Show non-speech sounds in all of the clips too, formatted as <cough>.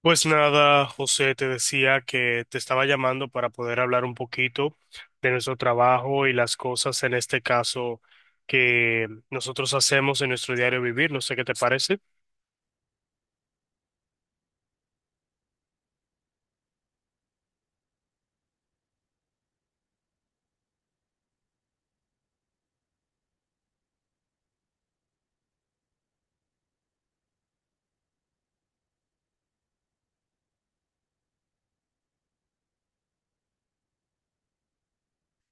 Pues nada, José, te decía que te estaba llamando para poder hablar un poquito de nuestro trabajo y las cosas en este caso que nosotros hacemos en nuestro diario vivir. No sé qué te parece.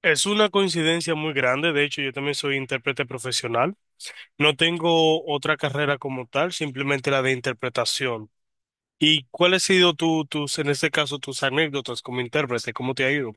Es una coincidencia muy grande. De hecho, yo también soy intérprete profesional. No tengo otra carrera como tal, simplemente la de interpretación. ¿Y cuál ha sido tus, en este caso, tus anécdotas como intérprete? ¿Cómo te ha ido?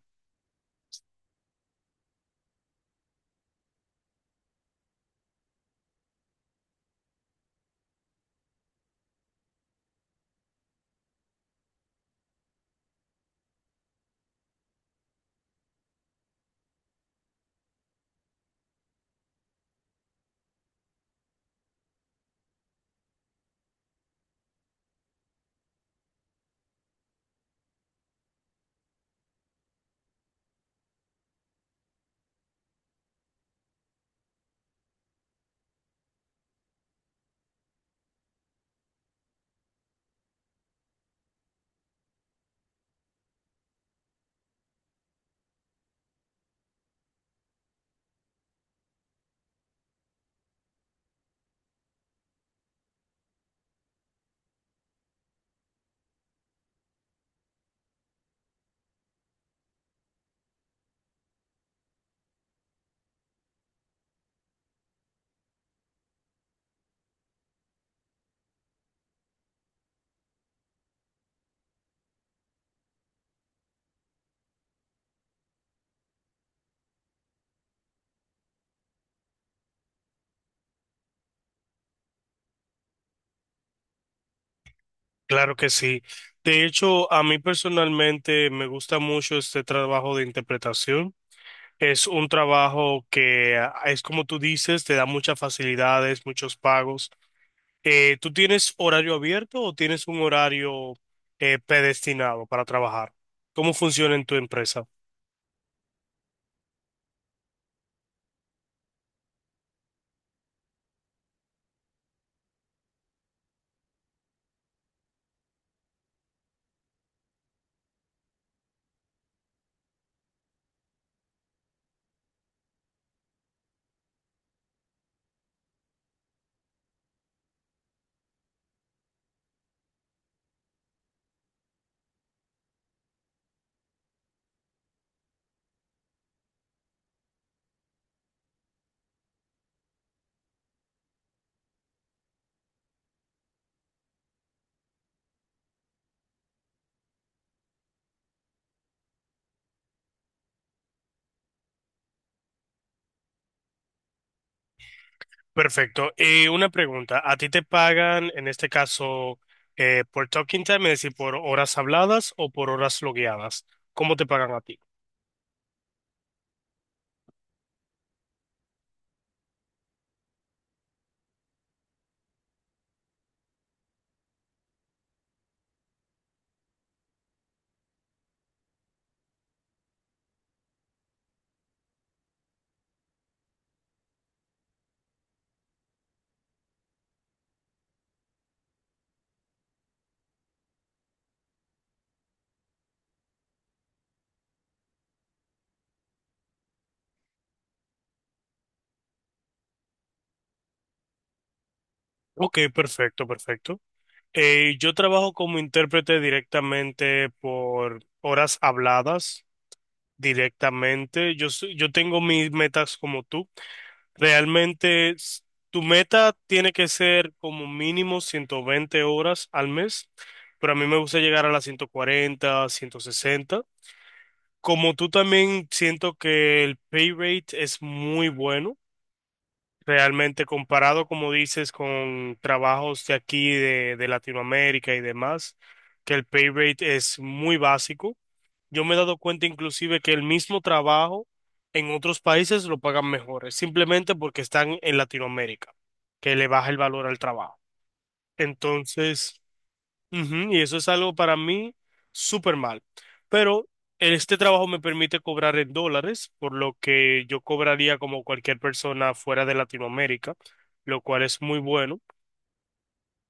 Claro que sí. De hecho, a mí personalmente me gusta mucho este trabajo de interpretación. Es un trabajo que es como tú dices, te da muchas facilidades, muchos pagos. ¿Tú tienes horario abierto o tienes un horario predestinado para trabajar? ¿Cómo funciona en tu empresa? Perfecto. Y una pregunta, ¿a ti te pagan en este caso por talking time, es decir, por horas habladas o por horas logueadas? ¿Cómo te pagan a ti? Ok, perfecto, perfecto. Yo trabajo como intérprete directamente por horas habladas, directamente. Yo tengo mis metas como tú. Realmente, tu meta tiene que ser como mínimo 120 horas al mes, pero a mí me gusta llegar a las 140, 160. Como tú también siento que el pay rate es muy bueno, realmente comparado, como dices, con trabajos de aquí, de Latinoamérica y demás, que el pay rate es muy básico. Yo me he dado cuenta inclusive que el mismo trabajo en otros países lo pagan mejores, simplemente porque están en Latinoamérica, que le baja el valor al trabajo. Entonces... Ujú, y eso es algo para mí súper mal. Pero este trabajo me permite cobrar en dólares, por lo que yo cobraría como cualquier persona fuera de Latinoamérica, lo cual es muy bueno.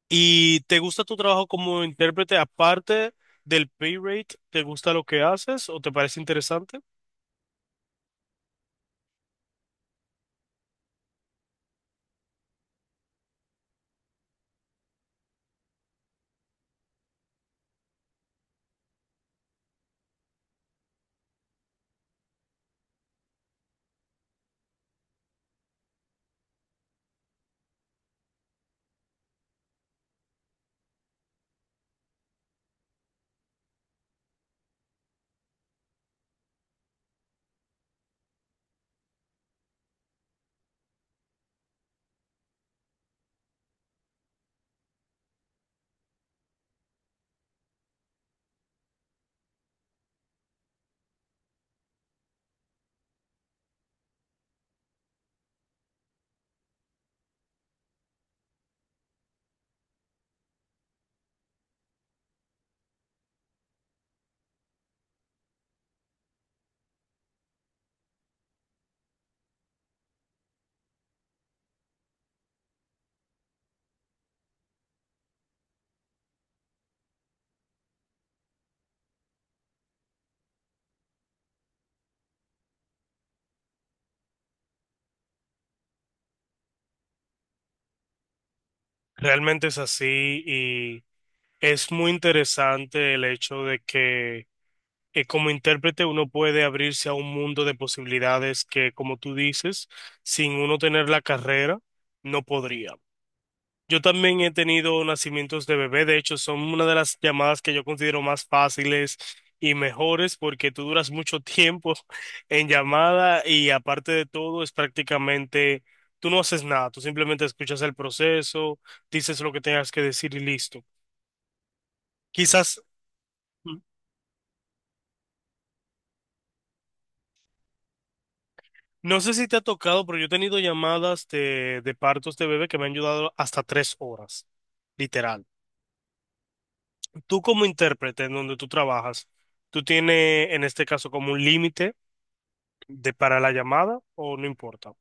¿Y te gusta tu trabajo como intérprete aparte del pay rate? ¿Te gusta lo que haces o te parece interesante? Realmente es así y es muy interesante el hecho de que como intérprete uno puede abrirse a un mundo de posibilidades que, como tú dices, sin uno tener la carrera, no podría. Yo también he tenido nacimientos de bebé, de hecho, son una de las llamadas que yo considero más fáciles y mejores porque tú duras mucho tiempo <laughs> en llamada y aparte de todo es prácticamente, tú no haces nada, tú simplemente escuchas el proceso, dices lo que tengas que decir y listo. Quizás... No sé si te ha tocado, pero yo he tenido llamadas de, partos de bebé que me han ayudado hasta 3 horas, literal. Tú como intérprete en donde tú trabajas, ¿tú tienes en este caso como un límite de para la llamada o no importa?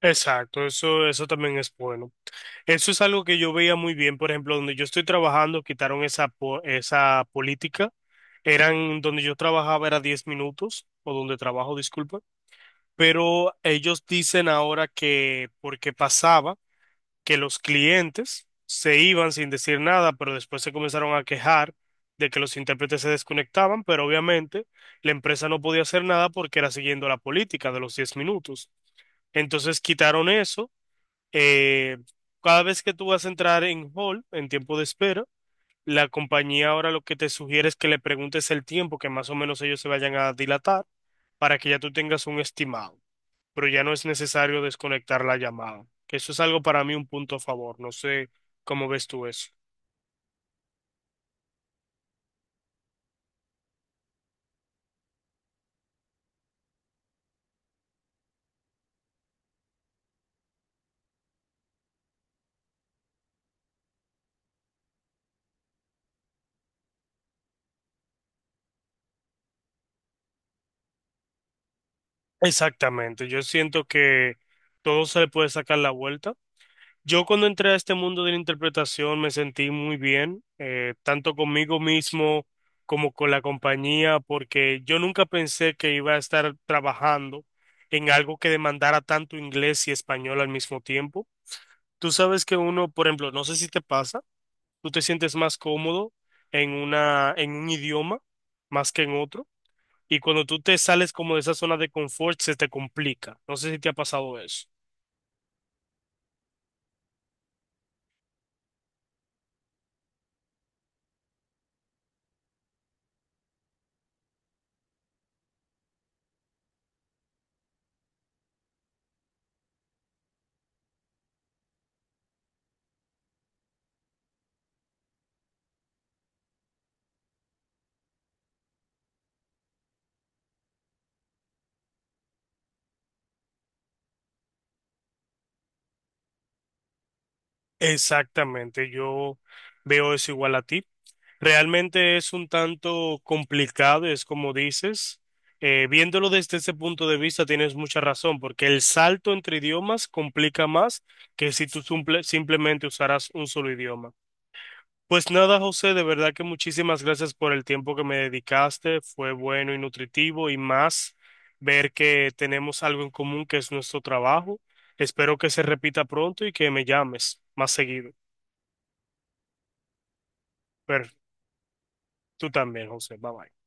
Exacto, eso también es bueno. Eso es algo que yo veía muy bien, por ejemplo, donde yo estoy trabajando, quitaron esa política. Eran donde yo trabajaba era 10 minutos, o donde trabajo, disculpa, pero ellos dicen ahora que porque pasaba que los clientes se iban sin decir nada, pero después se comenzaron a quejar de que los intérpretes se desconectaban, pero obviamente la empresa no podía hacer nada porque era siguiendo la política de los 10 minutos. Entonces quitaron eso. eh, cada vez que tú vas a entrar en hall, en tiempo de espera, la compañía ahora lo que te sugiere es que le preguntes el tiempo que más o menos ellos se vayan a dilatar para que ya tú tengas un estimado, pero ya no es necesario desconectar la llamada. Que eso es algo para mí un punto a favor. No sé cómo ves tú eso. Exactamente, yo siento que todo se le puede sacar la vuelta. Yo cuando entré a este mundo de la interpretación me sentí muy bien, tanto conmigo mismo como con la compañía, porque yo nunca pensé que iba a estar trabajando en algo que demandara tanto inglés y español al mismo tiempo. Tú sabes que uno, por ejemplo, no sé si te pasa. Tú te sientes más cómodo en una, en un idioma más que en otro. Y cuando tú te sales como de esa zona de confort, se te complica. No sé si te ha pasado eso. Exactamente, yo veo eso igual a ti. Realmente es un tanto complicado, es como dices. Viéndolo desde ese punto de vista, tienes mucha razón, porque el salto entre idiomas complica más que si tú simplemente usaras un solo idioma. Pues nada, José, de verdad que muchísimas gracias por el tiempo que me dedicaste. Fue bueno y nutritivo y más ver que tenemos algo en común que es nuestro trabajo. Espero que se repita pronto y que me llames más seguido. Pero tú también, José. Bye bye.